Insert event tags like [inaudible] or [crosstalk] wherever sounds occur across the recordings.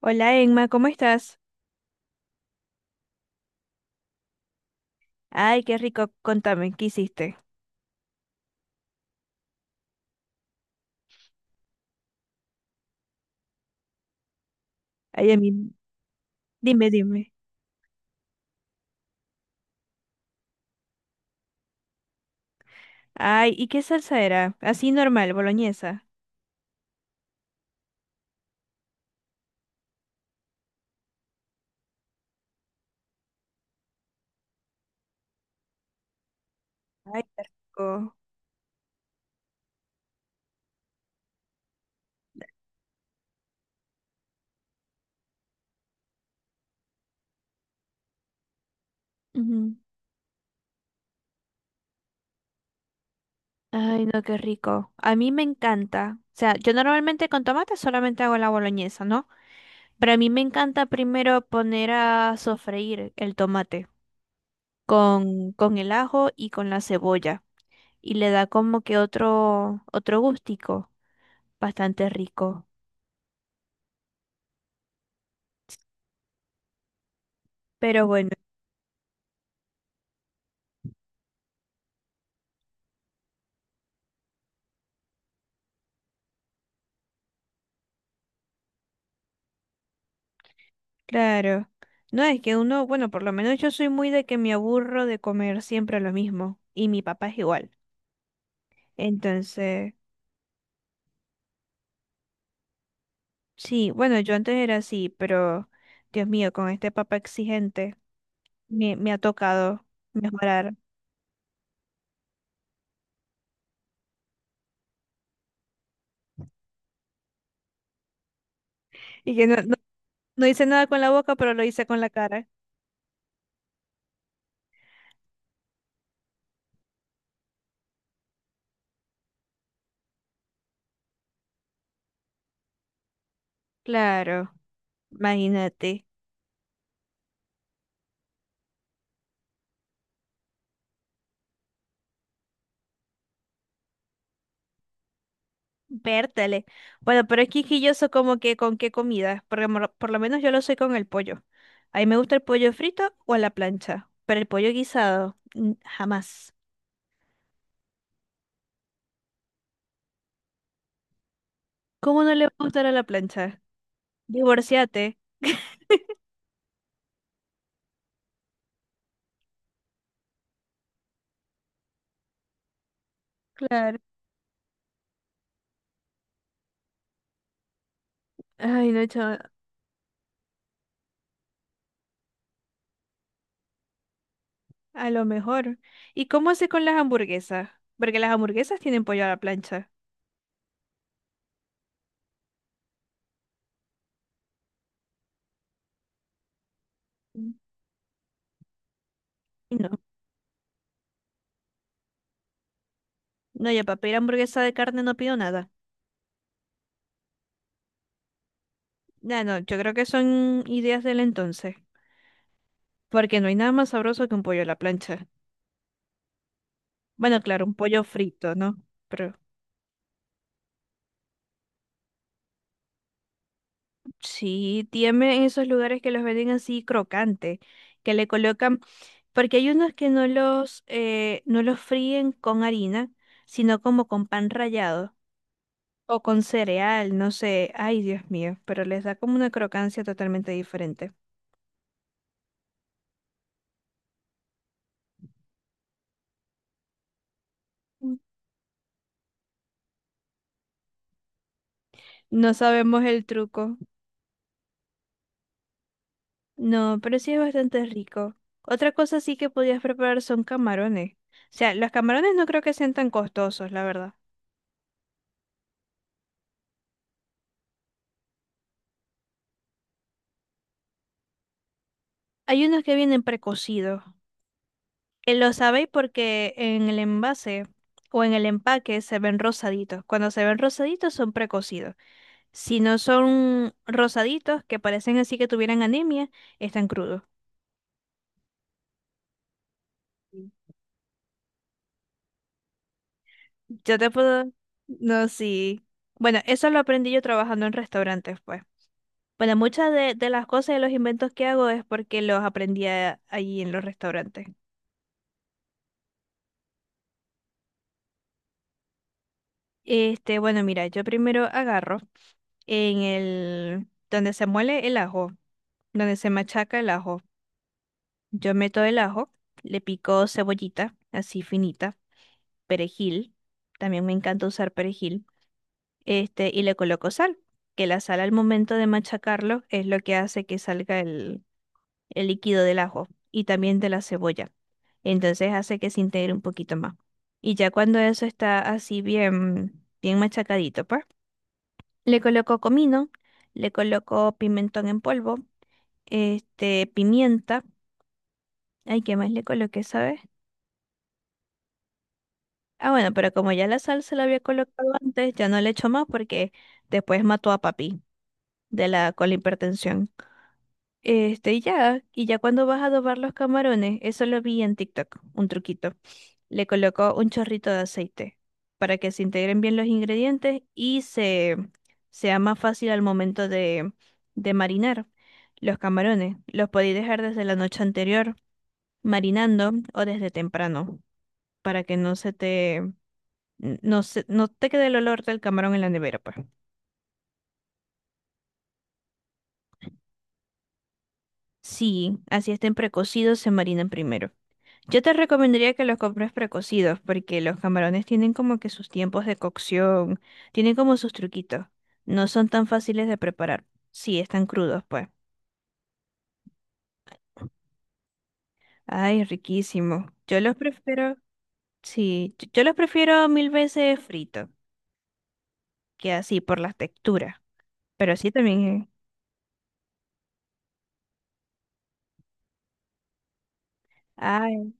Hola Emma, ¿cómo estás? Ay, qué rico, contame, ¿qué hiciste? Ay, a mí, dime, dime. Ay, ¿y qué salsa era? Así normal, boloñesa. Ay, qué rico. Ujú. Ay, no, qué rico. A mí me encanta. O sea, yo normalmente con tomate solamente hago la boloñesa, ¿no? Pero a mí me encanta primero poner a sofreír el tomate con el ajo y con la cebolla. Y le da como que otro, otro gustico bastante rico. Pero bueno. Claro. No, es que uno, bueno, por lo menos yo soy muy de que me aburro de comer siempre lo mismo. Y mi papá es igual. Entonces, sí, bueno, yo antes era así, pero Dios mío, con este papá exigente me ha tocado mejorar. Y que no, no, no hice nada con la boca, pero lo hice con la cara. Claro, imagínate. Vértale. Bueno, pero es quisquilloso como que con qué comida. Porque por lo menos yo lo soy con el pollo. A mí me gusta el pollo frito o a la plancha, pero el pollo guisado, mm, jamás. ¿Cómo no le va a gustar a la plancha? Divorciate. [laughs] Claro. Ay, no, chama, a lo mejor. ¿Y cómo hace con las hamburguesas? Porque las hamburguesas tienen pollo a la plancha. Mm. No, no, yo para pedir hamburguesa de carne no pido nada. No, no, yo creo que son ideas del entonces, porque no hay nada más sabroso que un pollo a la plancha. Bueno, claro, un pollo frito, ¿no? Pero sí, tiene esos lugares que los venden así crocante, que le colocan, porque hay unos que no los, no los fríen con harina, sino como con pan rallado o con cereal, no sé, ay Dios mío, pero les da como una crocancia totalmente diferente. Mm. No sabemos el truco, no, pero sí es bastante rico. Otra cosa sí que podías preparar son camarones. O sea, los camarones no creo que sean tan costosos, la verdad. Hay unos que vienen precocidos. Lo sabéis porque en el envase o en el empaque se ven rosaditos. Cuando se ven rosaditos son precocidos. Si no son rosaditos, que parecen así que tuvieran anemia, están crudos. Yo te puedo... No, sí. Bueno, eso lo aprendí yo trabajando en restaurantes, pues. Bueno, muchas de las cosas y los inventos que hago es porque los aprendí allí en los restaurantes. Este, bueno, mira, yo primero agarro en el... donde se muele el ajo, donde se machaca el ajo. Yo meto el ajo, le pico cebollita, así finita, perejil, también me encanta usar perejil, este, y le coloco sal, que la sal al momento de machacarlo es lo que hace que salga el líquido del ajo y también de la cebolla. Entonces hace que se integre un poquito más. Y ya cuando eso está así bien, bien machacadito, pues, le coloco comino, le coloco pimentón en polvo, este, pimienta, ay, ¿qué más le coloqué, sabes? Ah, bueno, pero como ya la sal se la había colocado antes, ya no le echo más porque después mató a papi de la con la hipertensión. Este, y ya cuando vas a adobar los camarones, eso lo vi en TikTok, un truquito. Le colocó un chorrito de aceite para que se integren bien los ingredientes y se sea más fácil al momento de marinar los camarones. Los podéis dejar desde la noche anterior marinando o desde temprano para que no se te no se, no te quede el olor del camarón en la nevera, pues. Sí, así estén precocidos, se marinan primero. Yo te recomendaría que los compres precocidos, porque los camarones tienen como que sus tiempos de cocción, tienen como sus truquitos. No son tan fáciles de preparar. Sí, están crudos, pues. Ay, riquísimo. Yo los prefiero, sí, yo los prefiero mil veces fritos, que así por las texturas. Pero sí también, ay.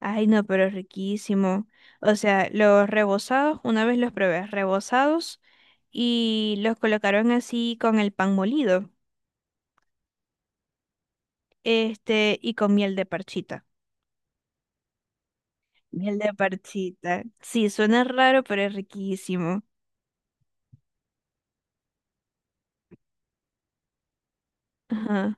Ay, no, pero es riquísimo. O sea, los rebozados, una vez los probé, rebozados, y los colocaron así con el pan molido, este, y con miel de parchita. Miel de parchita. Sí, suena raro, pero es riquísimo. Ajá.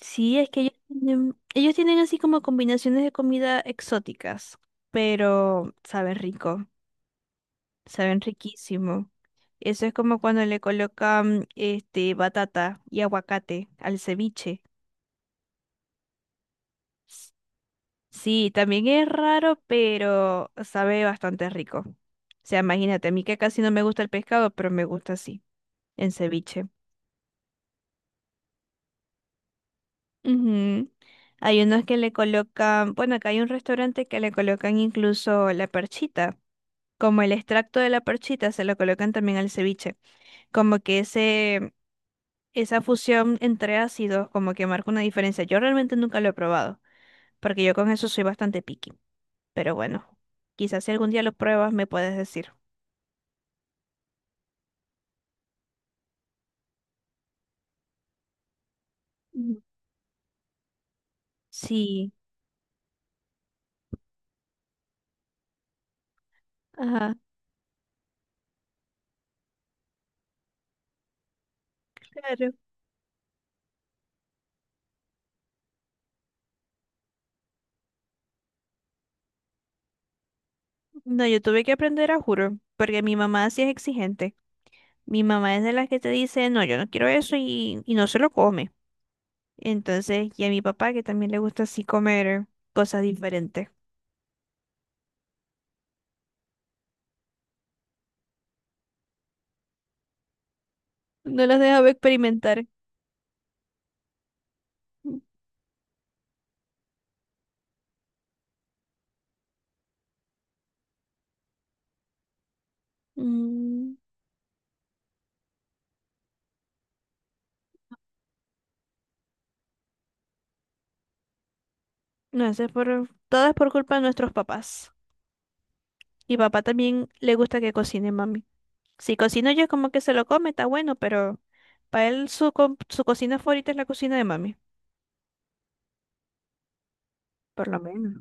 Sí, es que ellos tienen así como combinaciones de comida exóticas, pero saben rico, saben riquísimo. Eso es como cuando le colocan este batata y aguacate al ceviche. Sí, también es raro, pero sabe bastante rico. O sea, imagínate, a mí que casi no me gusta el pescado, pero me gusta así, en ceviche. Ujú. Hay unos que le colocan, bueno, acá hay un restaurante que le colocan incluso la perchita, como el extracto de la perchita se lo colocan también al ceviche, como que ese, esa fusión entre ácidos como que marca una diferencia. Yo realmente nunca lo he probado, porque yo con eso soy bastante picky, pero bueno, quizás si algún día lo pruebas me puedes decir. Ujú. Sí, ajá, claro. No, yo tuve que aprender a juro, porque mi mamá sí es exigente. Mi mamá es de las que te dice, no, yo no quiero eso y no se lo come. Entonces, y a mi papá que también le gusta así comer cosas diferentes. No los dejaba experimentar. Mm, no, eso es por, todo es por culpa de nuestros papás. Y papá también le gusta que cocine mami. Si cocino yo como que se lo come, está bueno, pero para él su, su cocina favorita es la cocina de mami. Por lo menos.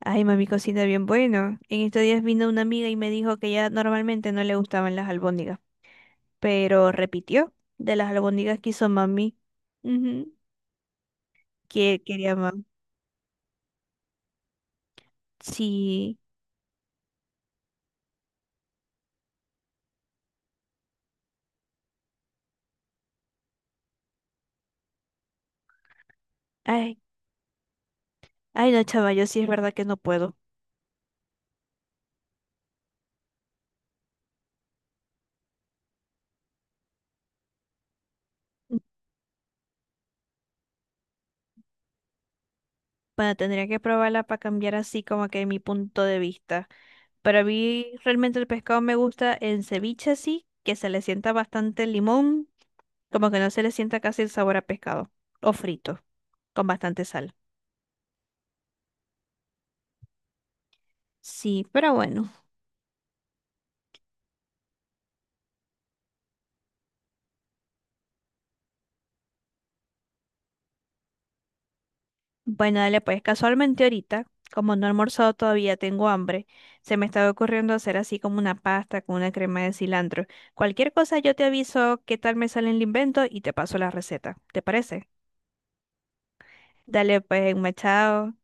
Ay, mami cocina bien bueno. En estos días vino una amiga y me dijo que ya normalmente no le gustaban las albóndigas, pero repitió de las albóndigas que hizo mami. Ujú, que quería más. Sí. Ay, ay, no, chava, yo sí es verdad que no puedo. Bueno, tendría que probarla para cambiar así como que mi punto de vista. Pero a mí realmente el pescado me gusta en ceviche así, que se le sienta bastante limón, como que no se le sienta casi el sabor a pescado, o frito, con bastante sal. Sí, pero bueno. Bueno, dale, pues casualmente ahorita, como no he almorzado todavía, tengo hambre. Se me estaba ocurriendo hacer así como una pasta con una crema de cilantro. Cualquier cosa yo te aviso qué tal me sale el invento y te paso la receta. ¿Te parece? Dale, pues, machado.